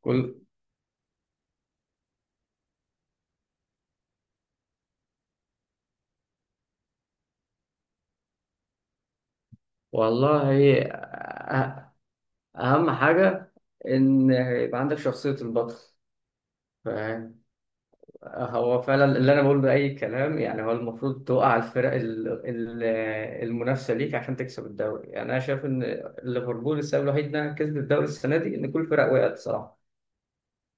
كل. والله أه- أهم حاجة إن يبقى عندك شخصية البطل. فاهم، هو فعلا اللي أنا بقوله ده أي كلام، يعني هو المفروض توقع الفرق المنافسة ليك عشان تكسب الدوري. يعني أنا شايف إن ليفربول السبب الوحيد إنها كسبت الدوري السنة دي إن كل الفرق وقعت صراحة.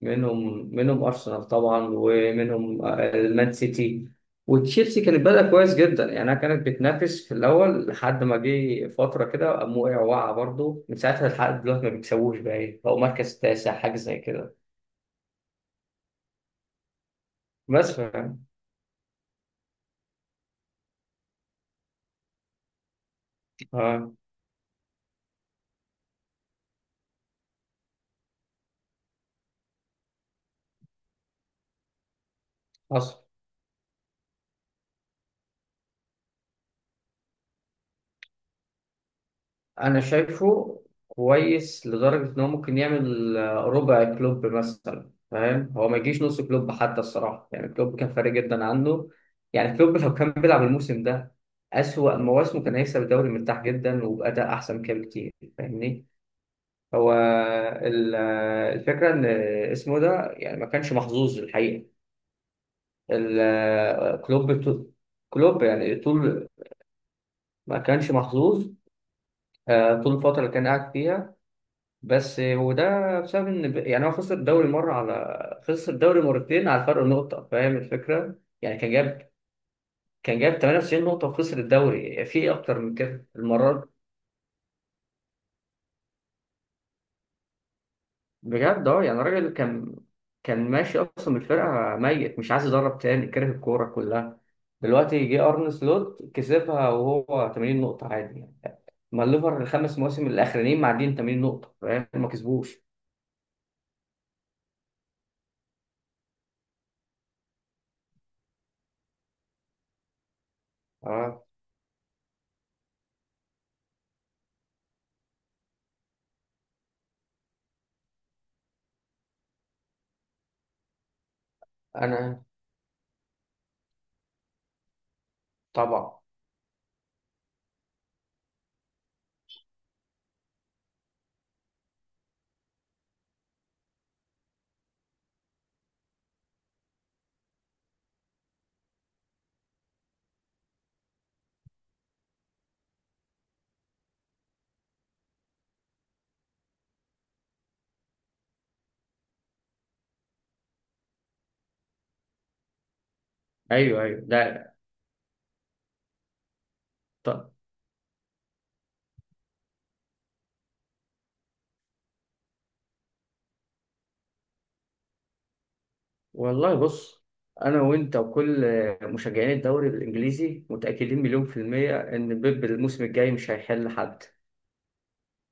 منهم ارسنال طبعا، ومنهم المان سيتي وتشيلسي. كانت بدأ كويس جدا، يعني كانت بتنافس في الاول لحد ما جه فتره كده قام وقع برضه. من ساعتها لحد دلوقتي ما بيكسبوش، بقى إيه، بقوا مركز تاسع حاجه زي كده. بس ف- آه، حصل. انا شايفه كويس لدرجه ان هو ممكن يعمل ربع كلوب مثلا، فاهم، هو ما يجيش نص كلوب حتى الصراحه. يعني كلوب كان فارق جدا عنه، يعني كلوب لو كان بيلعب الموسم ده اسوأ مواسمه كان هيكسب الدوري مرتاح جدا وبأداء احسن كده بكتير، فاهمني. هو الفكره ان اسمه ده يعني ما كانش محظوظ الحقيقه. ال- آه، كلوب طول- كلوب يعني طول ما كانش محظوظ، طول الفتره اللي كان قاعد فيها. بس وده بسبب ان يعني هو خسر الدوري مره، على خسر الدوري مرتين على فرق نقطه، فاهم الفكره. يعني كان جاب 98 نقطه وخسر الدوري، في ايه اكتر من كده المره دي. بجد اه، يعني الراجل كان كان ماشي اصلا من الفرقه ميت مش عايز يدرب تاني كره الكوره كلها. دلوقتي جه ارن سلوت كسبها وهو 80 نقطه عادي يعني. ما الليفر ال 5 مواسم الاخرانيين معديين 80 نقطه، فاهم، ما كسبوش. اه. انا طبعا. ايوه، ايوه. ده والله. بص، انا وانت وكل مشجعين الدوري الانجليزي متاكدين مليون في الميه ان بيب الموسم الجاي مش هيحل حد.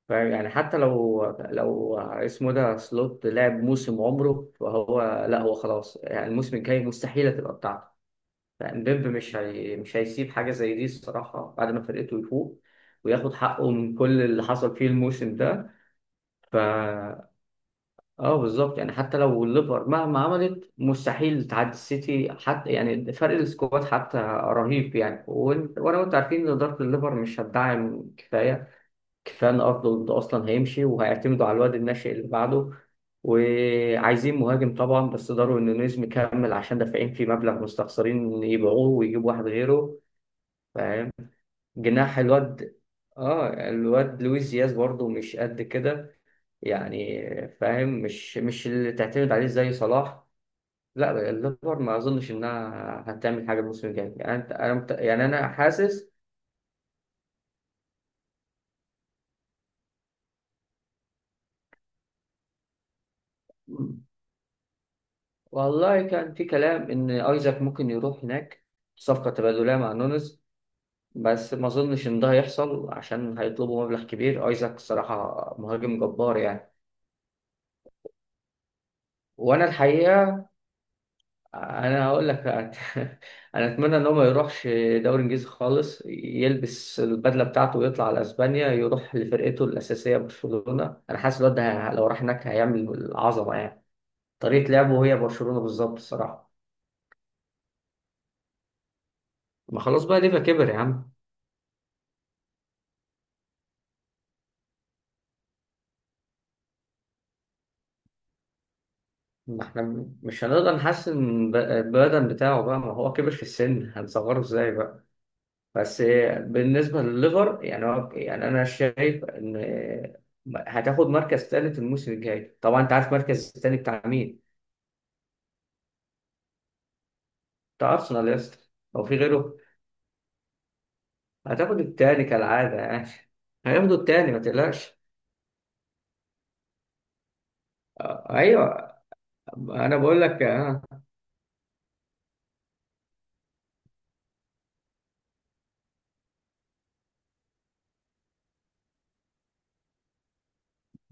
فاهم، يعني حتى لو لو اسمه ده سلوت لعب موسم عمره فهو، لا هو خلاص يعني الموسم الجاي مستحيل هتبقى بتاعته. فاهم بيب مش هيسيب حاجه زي دي الصراحه بعد ما فرقته يفوق وياخد حقه من كل اللي حصل فيه الموسم ده. ف اه بالظبط، يعني حتى لو الليفر مهما عملت مستحيل تعدي السيتي حتى، يعني فرق السكواد حتى رهيب يعني. وانا وانت عارفين ان اداره الليفر مش هتدعم كفايه ان ارنولد اصلا هيمشي وهيعتمدوا على الواد الناشئ اللي بعده. وعايزين مهاجم طبعا بس ضروري ان نونيز مكمل عشان دافعين فيه مبلغ مستخسرين يبيعوه ويجيبوا واحد غيره. فاهم. جناح الواد. اه الواد لويس دياز برضه مش قد كده يعني، فاهم، مش مش اللي تعتمد عليه زي صلاح. لا الليفر ما اظنش انها هتعمل حاجه الموسم الجاي، يعني يعني انا حاسس. والله كان في كلام ان ايزاك ممكن يروح هناك صفقه تبادليه مع نونز، بس ما اظنش ان ده هيحصل عشان هيطلبوا مبلغ كبير. ايزاك الصراحه مهاجم جبار يعني. وانا الحقيقه، انا هقول لك انا اتمنى ان هو ما يروحش دوري انجليزي خالص، يلبس البدله بتاعته ويطلع على اسبانيا يروح لفرقته الاساسيه برشلونه. انا حاسس الواد ده لو راح هناك هيعمل عظمه يعني. طريقه لعبه هي برشلونه بالظبط الصراحه. ما خلاص بقى، ليفا كبر يا عم. ما احنا مش هنقدر نحسن البدن بتاعه بقى، ما هو كبر في السن هنصغره ازاي بقى. بس، بالنسبة لليفر يعني هو، يعني أنا شايف إن هتاخد مركز تالت الموسم الجاي. طبعا أنت عارف مركز التاني بتاع مين؟ بتاع أرسنال يا اسطى. هو في غيره؟ هتاخد التاني كالعادة يعني، هياخدوا التاني ما تقلقش. أيوه، أنا بقول لك آه.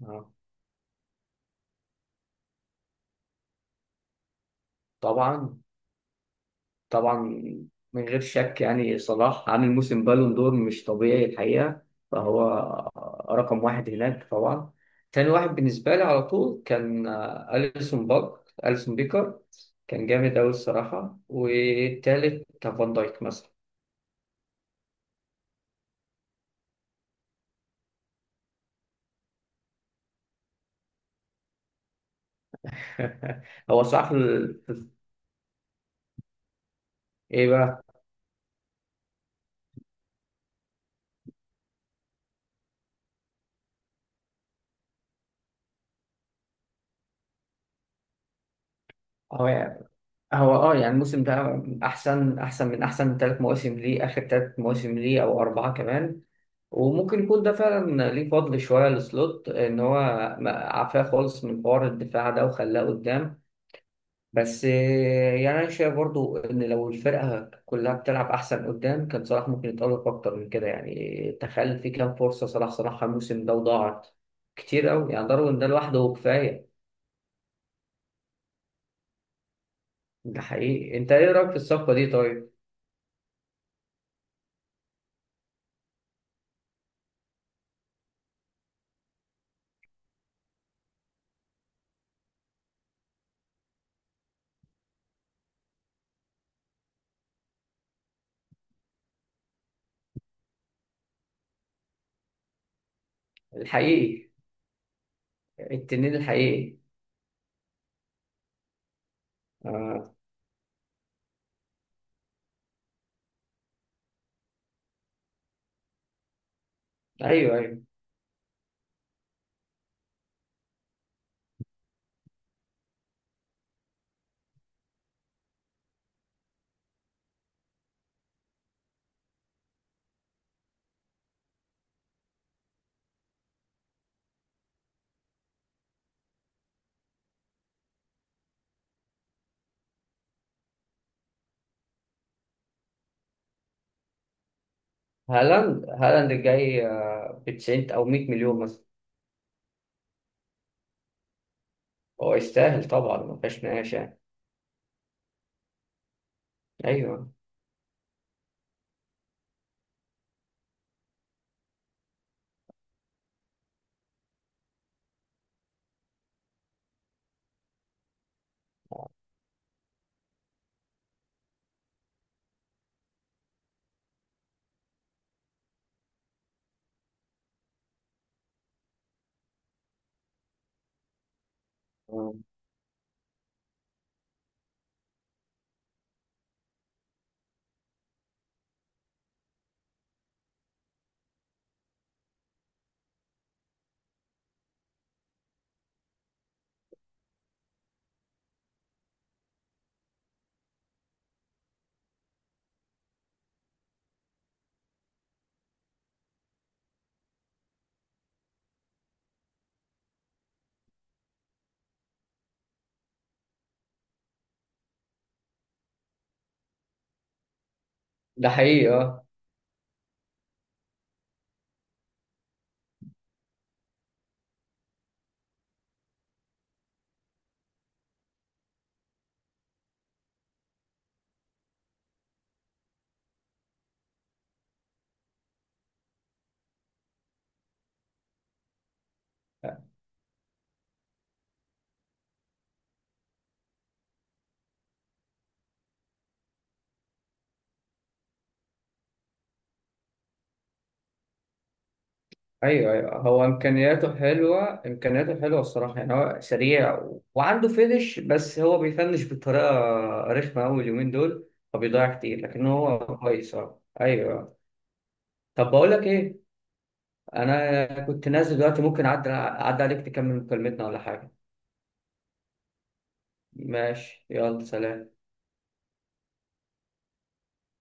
آه. طبعا، طبعا، من غير شك، يعني صلاح عامل موسم بالون دور مش طبيعي الحقيقة. فهو رقم واحد هناك طبعا. تاني واحد بالنسبة لي على طول كان أليسون باك، أليسون بيكر. كان جامد أوي الصراحة، والتالت كان فان دايك مثلا. هو صح ال... إيه بقى؟ هو، هو اه يعني الموسم ده احسن من احسن ثلاث مواسم ليه، اخر ثلاث مواسم ليه او 4 كمان. وممكن يكون ده فعلا ليه فضل شويه لسلوت ان هو ما- عفاه خالص من حوار الدفاع ده وخلاه قدام. بس يعني انا شايف برضو ان لو الفرقه كلها بتلعب احسن قدام كان صلاح ممكن يتألق اكتر من كده، يعني تخيل في كام فرصه صلاح صلاحها الموسم ده وضاعت كتير قوي يعني، ضرب ان ده لوحده كفايه. ده حقيقي. انت ايه رايك في الصفقه دي طيب؟ الحقيقي. التنين الحقيقي. آه. ايوه، ايوه. هالاند، هالاند الجاي ب 90 او 100 مليون مثلا. هو يستاهل طبعا ما فيهاش نقاش يعني. ايوه آه. ده حقيقي اه. ايوه، ايوه. هو امكانياته حلوه، امكانياته حلوه الصراحه، يعني هو سريع و... وعنده فينش، بس هو بيفنش بطريقه رخمه قوي اليومين دول، فبيضيع كتير، لكن هو كويس اه ايوه آه. طب بقول لك ايه، انا كنت نازل دلوقتي، ممكن اعدي عليك تكمل مكالمتنا ولا حاجه؟ ماشي، يلا، سلام.